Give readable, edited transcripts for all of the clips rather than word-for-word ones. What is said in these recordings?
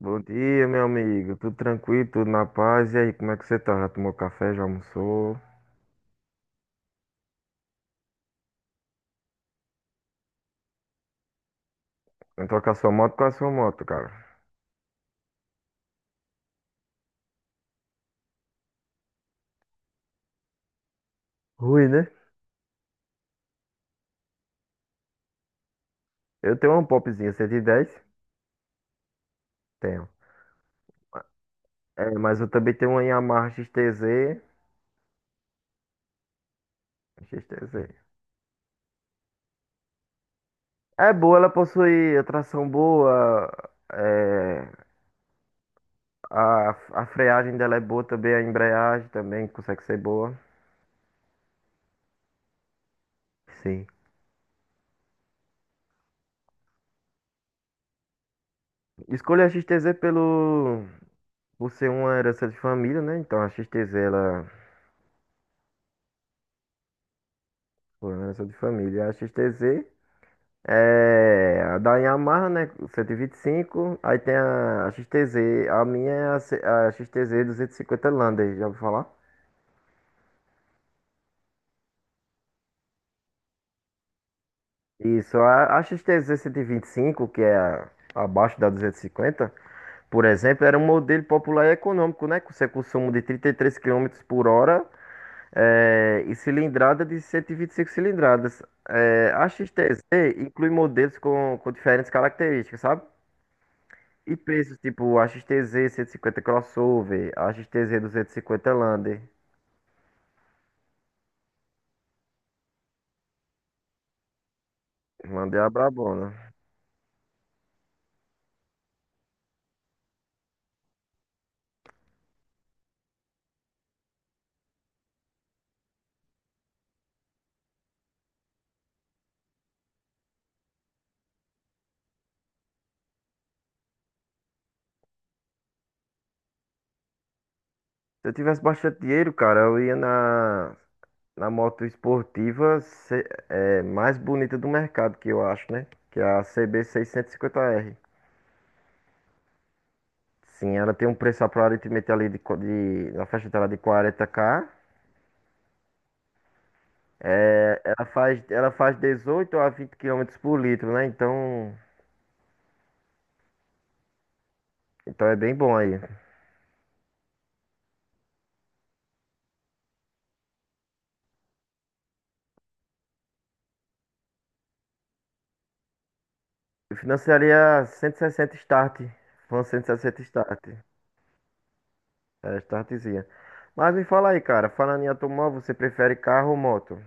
Bom dia, meu amigo. Tudo tranquilo, tudo na paz. E aí, como é que você tá? Já tomou café? Já almoçou? Entrou com a sua moto? Qual é a sua moto, cara? Rui, né? Eu tenho uma Popzinha 110. Tenho. É, mas eu também tenho uma Yamaha XTZ. XTZ. É boa, ela possui a tração boa. é, a, a freagem dela é boa também, a embreagem também consegue ser boa. Sim. Escolhi a XTZ por ser uma herança de família, né? Então a XTZ, ela segurança de família. A XTZ é a da Yamaha, né? 125. Aí tem a XTZ. A minha é a XTZ 250 Lander, já ouviu falar? Isso. A XTZ 125, que é abaixo da 250, por exemplo, era um modelo popular e econômico, né? Com seu consumo de 33 quilômetros por hora e cilindrada de 125 cilindradas. É, a XTZ inclui modelos com diferentes características, sabe? E preços tipo XTZ 150 crossover, XTZ 250 Lander. Lander é a brabona. Se eu tivesse bastante dinheiro, cara, eu ia na moto esportiva mais bonita do mercado, que eu acho, né? Que é a CB 50R. Sim, ela tem um preço aparentemente ali na faixa dela de 40K. Ela faz 18 a 20 quilômetros por litro, né? Então, é bem bom aí. Eu financiaria 160 start. Foi 160 start. Era startzinha. Mas me fala aí, cara. Falando em automóvel, você prefere carro ou moto?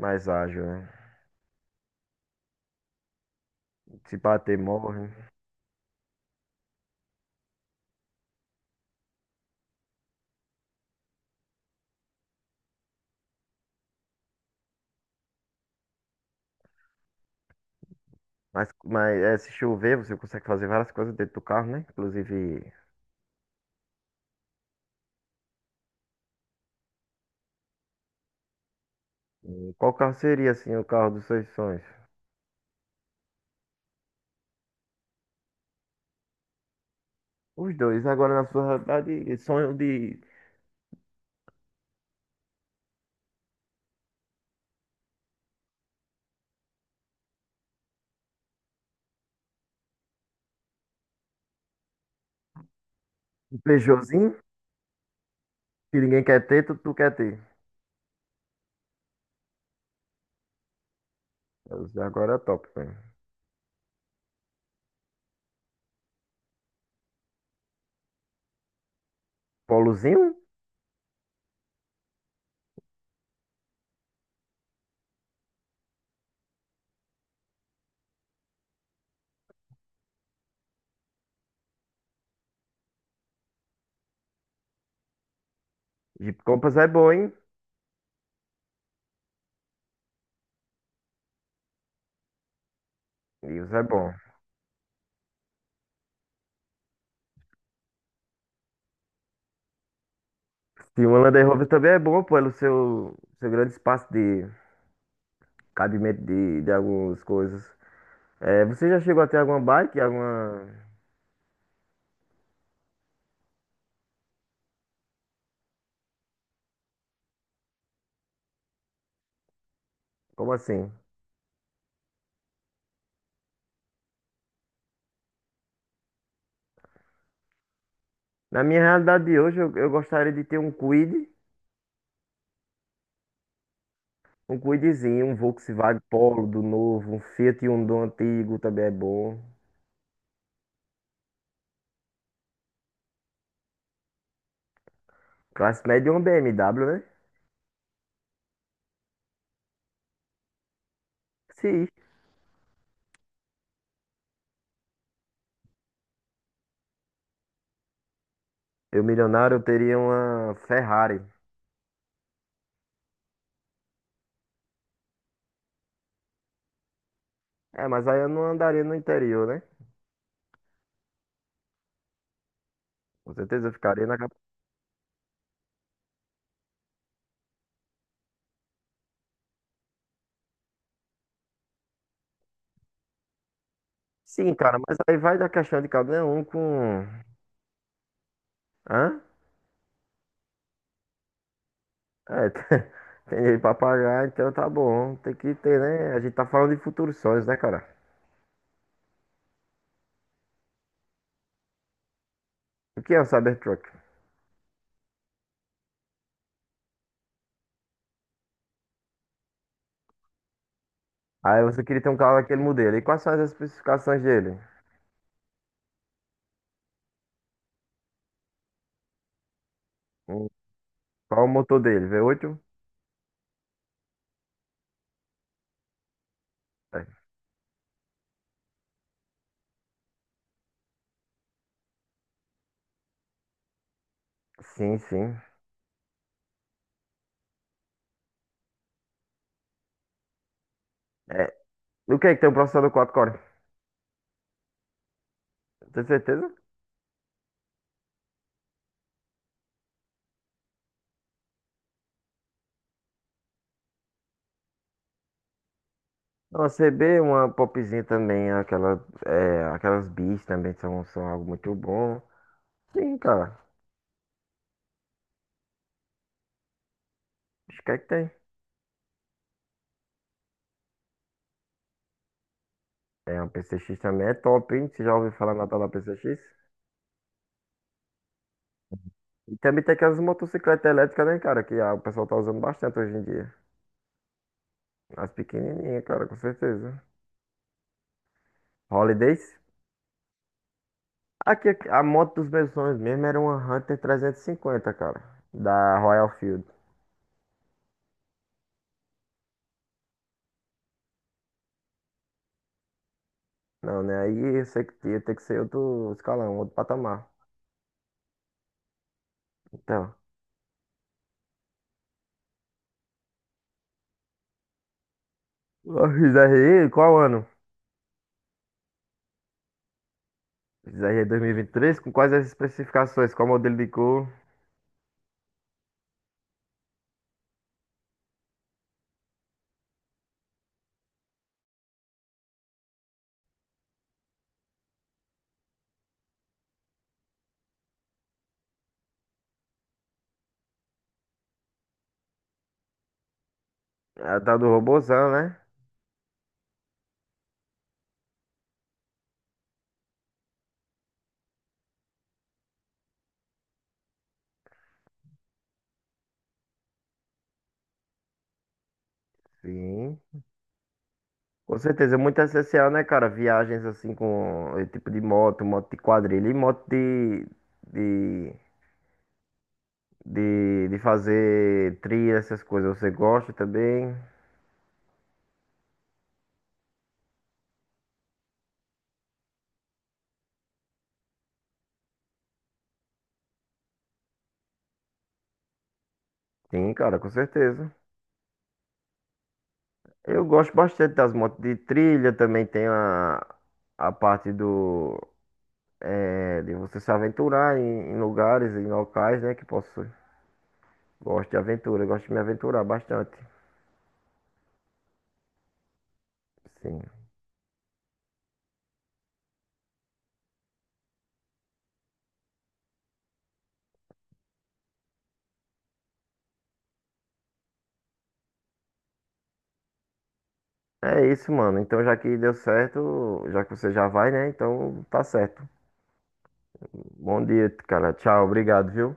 Mais ágil, né? Se bater, morre. Mas, se chover, você consegue fazer várias coisas dentro do carro, né? Inclusive, qual carro seria, assim, o carro dos seus sonhos? Os dois. Agora, na sua realidade, sonho de um Peugeotzinho, que ninguém quer ter, tu quer ter. Agora é top, velho. Polozinho? Jeep Compass é bom, hein? Livros é bom. Sim, o Land Rover também é bom pelo seu grande espaço de cabimento de algumas coisas. É, você já chegou a ter alguma bike? Alguma... Como assim? Na minha realidade de hoje, eu gostaria de ter um Kwid, um Kwidzinho, um Volkswagen Polo do novo, um Fiat Uno do antigo também é bom. Classe média e uma BMW, né? Sim. Eu milionário, eu teria uma Ferrari. É, mas aí eu não andaria no interior, né? Com certeza eu ficaria na capital. Sim, cara, mas aí vai da questão de cada um com... Hã? É, tem dinheiro pra pagar, então tá bom. Tem que ter, né? A gente tá falando de futuros sonhos, né, cara? O que é o Cybertruck? Aí você queria ter um carro daquele modelo. E quais são as especificações dele? Hum, Qual é o motor dele? V8? É. Sim, sim. É. O que é que tem o processador 4 core? Tem certeza? Uma CB, uma popzinha também, aquela, aquelas bis também são algo muito bom. Sim, cara. Acho que é que tem. É, uma PCX também é top, hein? Você já ouviu falar na tal da PCX? E também tem aquelas motocicletas elétricas, né, cara? Que o pessoal tá usando bastante hoje em dia. As pequenininhas, cara, com certeza. Holidays. Aqui, aqui, a moto dos meus sonhos mesmo era uma Hunter 350, cara. Da Royal Field. Não, né? Aí eu sei que ia ter que ser outro escalão, outro patamar. Então. A XRE, qual ano? XRE 2023, com quais as especificações? Qual modelo de cor? É, a tal do robozão, né? Sim. Com certeza, é muito essencial, né, cara? Viagens assim com esse tipo de moto, moto de quadrilha e moto de, de fazer trilha, essas coisas. Você gosta também? Sim, cara, com certeza. Eu gosto bastante das motos de trilha, também tem a parte de você se aventurar em lugares, em locais, né, que posso... Gosto de aventura, gosto de me aventurar bastante. Sim. É isso, mano. Então, já que deu certo, já que você já vai, né? Então, tá certo. Bom dia, cara. Tchau, obrigado, viu?